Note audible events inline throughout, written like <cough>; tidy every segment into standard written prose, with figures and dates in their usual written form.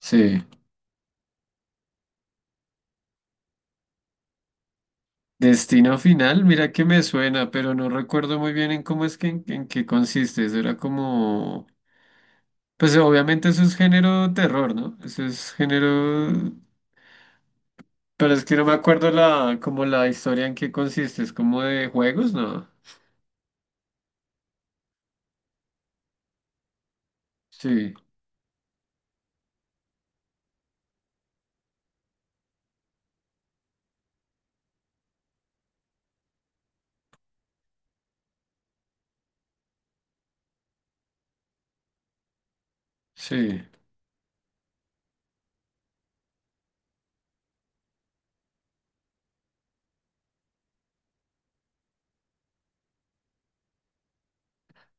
Sí. Destino final, mira que me suena, pero no recuerdo muy bien en cómo es que en qué consiste. Eso era como, pues obviamente eso es género terror, ¿no? Eso es género, pero es que no me acuerdo la, como la historia en qué consiste. Es como de juegos, ¿no? Sí, sí.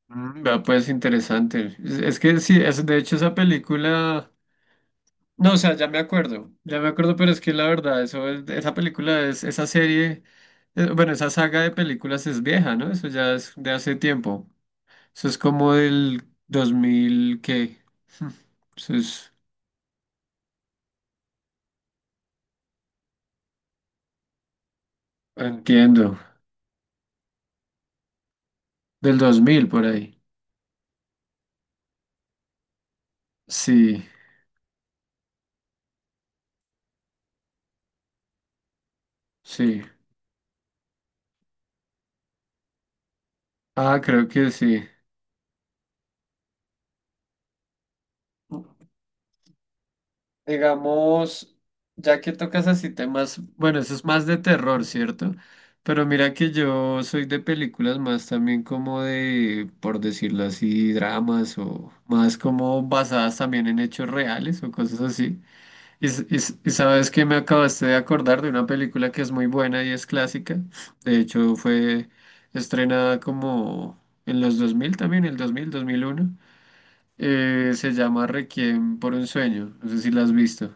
Mm, vea, pues interesante. Es que sí, es, de hecho esa película. No, o sea, ya me acuerdo, pero es que la verdad, esa película es, esa serie, bueno, esa saga de películas es vieja, ¿no? Eso ya es de hace tiempo. ¿Eso es como del dos mil qué? <laughs> Eso es, entiendo, del 2000 por ahí. Sí, sí. Ah, creo que sí. Digamos, ya que tocas así temas, bueno, eso es más de terror, ¿cierto? Pero mira que yo soy de películas más también como de, por decirlo así, dramas o más como basadas también en hechos reales o cosas así. Y sabes que me acabaste de acordar de una película que es muy buena y es clásica. De hecho, fue estrenada como en los 2000 también, el 2000, 2001. Se llama Requiem por un sueño. No sé si la has visto.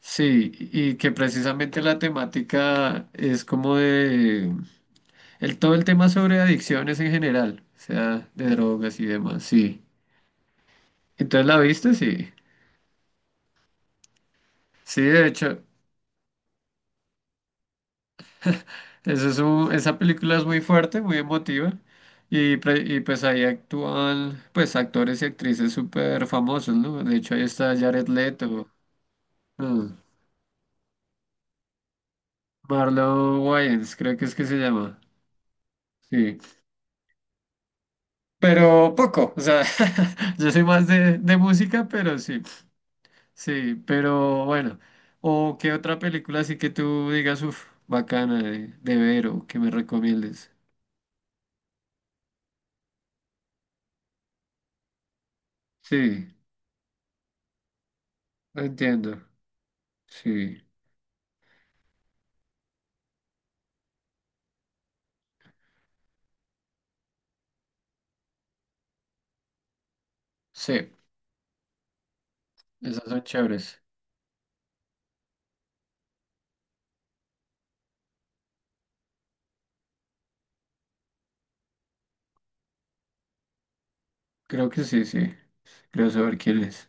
Sí, y que precisamente la temática es como de el todo el tema sobre adicciones en general, o sea, de drogas y demás, sí. Entonces la viste, sí. Sí, de hecho, esa película es muy fuerte, muy emotiva y pues ahí actúan pues actores y actrices súper famosos, ¿no? De hecho, ahí está Jared Leto, ah, Marlon Wayans, creo que es que se llama. Sí, pero poco, o sea, <laughs> yo soy más de música, pero sí, sí, pero bueno, o qué otra película así que tú digas, uff, bacana de ver o que me recomiendes. Sí, lo entiendo, sí, sí, esas son chéveres, creo que sí, sí, creo saber quién es.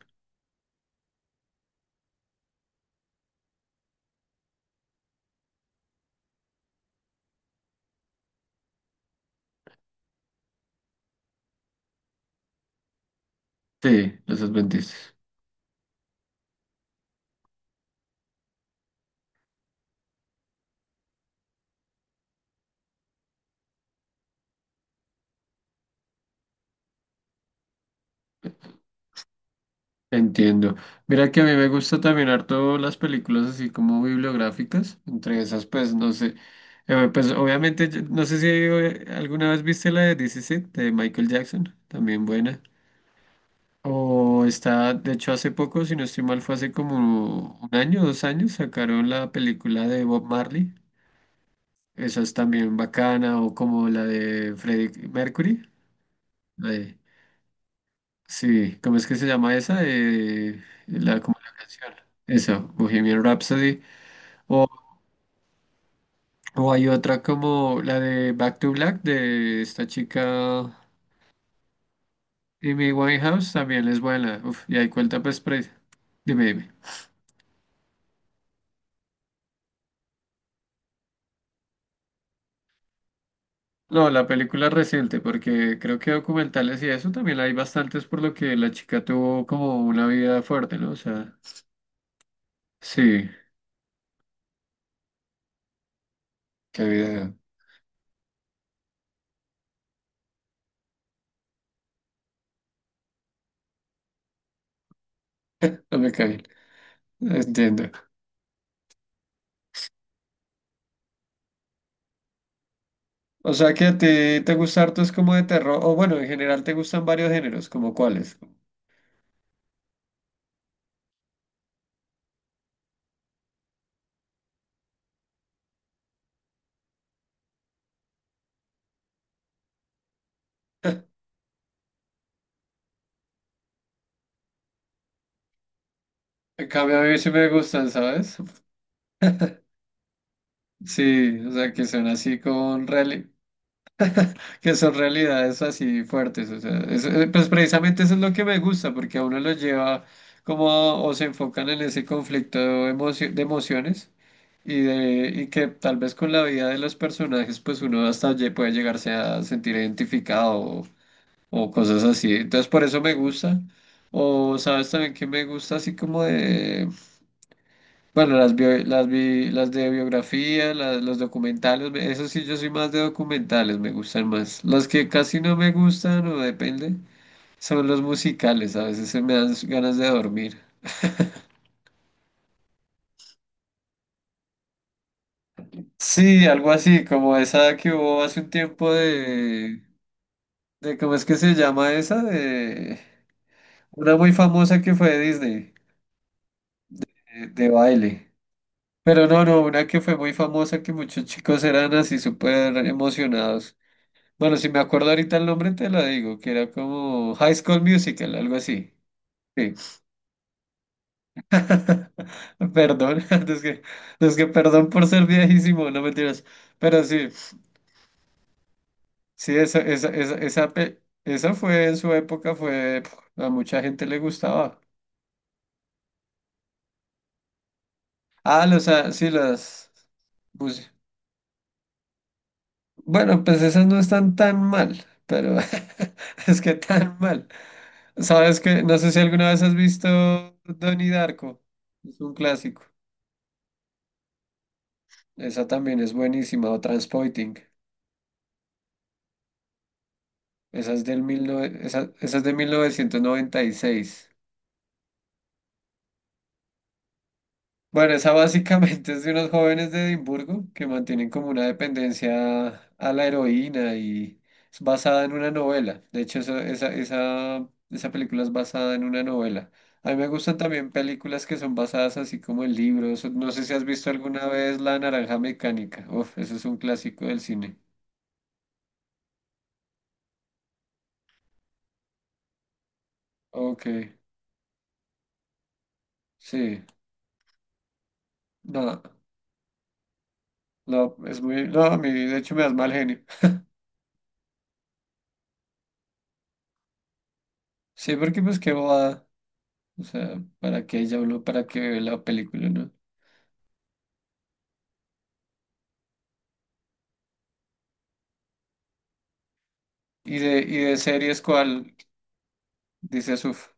Sí, los adventistas. Entiendo. Mira que a mí me gusta también harto las películas así como bibliográficas. Entre esas, pues, no sé. Pues, obviamente, no sé si alguna vez viste la de This Is It, de Michael Jackson. También buena. O está, de hecho, hace poco, si no estoy mal, fue hace como un año, dos años, sacaron la película de Bob Marley. Esa es también bacana. O como la de Freddie Mercury. la de- Sí, ¿cómo es que se llama esa? La, como la canción. Esa, Bohemian Rhapsody. O, o hay otra como la de Back to Black de esta chica Amy Winehouse, también es buena. Uf, y ahí cuenta pues pre- Dime, dime. No, la película reciente, porque creo que documentales y eso también hay bastantes por lo que la chica tuvo como una vida fuerte, ¿no? O sea, sí, qué vida, no me cae. Entiendo. ¿O sea que a ti te gusta harto es como de terror, o bueno, en general te gustan varios géneros, como cuáles? <laughs> En cambio, a mí sí me gustan, ¿sabes? Sí, o sea, que son así con reali- que son realidades así fuertes, o sea, pues precisamente eso es lo que me gusta, porque a uno lo lleva como, o se enfocan en ese conflicto de emociones y que tal vez con la vida de los personajes, pues uno puede llegarse a sentir identificado o cosas así. Entonces por eso me gusta. O sabes también que me gusta así como de, bueno, las de biografía, los documentales, eso sí, yo soy más de documentales, me gustan más. Los que casi no me gustan o depende son los musicales, a veces se me dan ganas de dormir. Sí, algo así, como esa que hubo hace un tiempo de ¿cómo es que se llama esa? De una muy famosa que fue de Disney, de baile. Pero no, no, una que fue muy famosa que muchos chicos eran así súper emocionados. Bueno, si me acuerdo ahorita el nombre te la digo, que era como High School Musical, algo así. Sí. <laughs> Perdón, <laughs> es que, no es que perdón por ser viejísimo, no mentiras. Pero sí, sí, esa fue en su época, fue, pf, a mucha gente le gustaba. Ah, los, ah, sí, las... pues, bueno, pues esas no están tan mal, pero <laughs> es que tan mal. Sabes que, no sé si alguna vez has visto Donnie Darko, es un clásico. Esa también es buenísima, o Transporting. Esa, esa es de mil novecientos noventa y seis. Bueno, esa básicamente <laughs> es de unos jóvenes de Edimburgo que mantienen como una dependencia a la heroína y es basada en una novela. De hecho, esa película es basada en una novela. A mí me gustan también películas que son basadas así como en libros. No sé si has visto alguna vez La Naranja Mecánica. Uf, eso es un clásico del cine. Ok, sí. No, no, es muy... No, a mí de hecho me das mal genio. <laughs> Sí, porque pues qué bobada. O sea, ¿para qué ya uno, para qué ve la película, no? Y de series, ¿cuál? Dices, uff.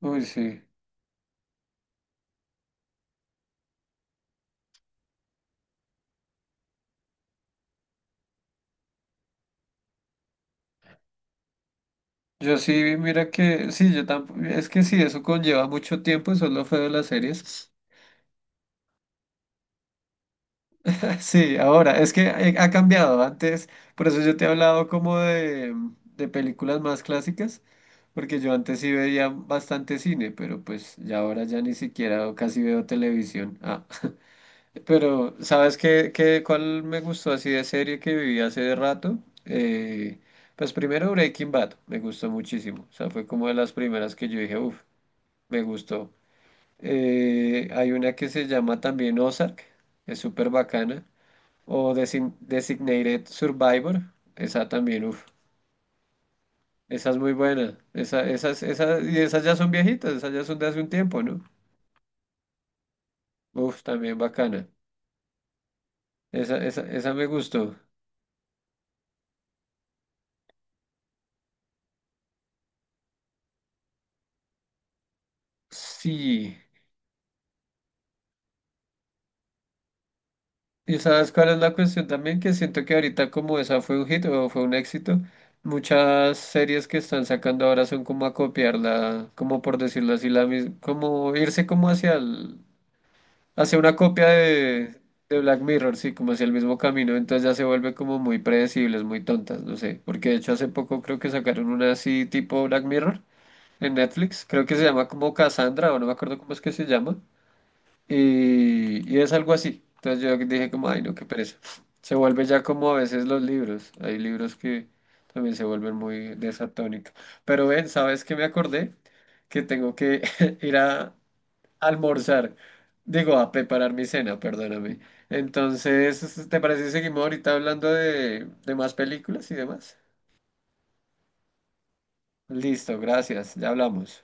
Uy, sí. Yo sí, mira que, sí, yo tampoco, es que sí, eso conlleva mucho tiempo, eso es lo feo de las series. <laughs> Sí, ahora, es que ha cambiado antes, por eso yo te he hablado como de películas más clásicas, porque yo antes sí veía bastante cine, pero pues ya ahora ya ni siquiera casi veo televisión. Pero, ¿sabes cuál me gustó así de serie que viví hace rato? Eh, pues primero Breaking Bad, me gustó muchísimo. O sea, fue como de las primeras que yo dije, uff, me gustó. Hay una que se llama también Ozark, es súper bacana. O Designated Survivor, esa también, uff, esa es muy buena. Esa, esas, esas, y esas ya son viejitas, esas ya son de hace un tiempo, ¿no? Uff, también bacana. Esa me gustó. Sí. Y sabes cuál es la cuestión también, que siento que ahorita como esa fue un hit o fue un éxito, muchas series que están sacando ahora son como a copiarla, como por decirlo así, como irse como hacia el, hacia una copia de Black Mirror, sí, como hacia el mismo camino, entonces ya se vuelve como muy predecibles, muy tontas, no sé, porque de hecho hace poco creo que sacaron una así tipo Black Mirror en Netflix, creo que se llama como Cassandra o no me acuerdo cómo es que se llama. Y es algo así. Entonces yo dije como, ay, no, qué pereza. Se vuelve ya como a veces los libros. Hay libros que también se vuelven muy de esa tónica. Pero ven, ¿sabes qué me acordé? Que tengo que <laughs> ir a almorzar. Digo, a preparar mi cena, perdóname. Entonces, ¿te parece si seguimos ahorita hablando de más películas y demás? Listo, gracias. Ya hablamos.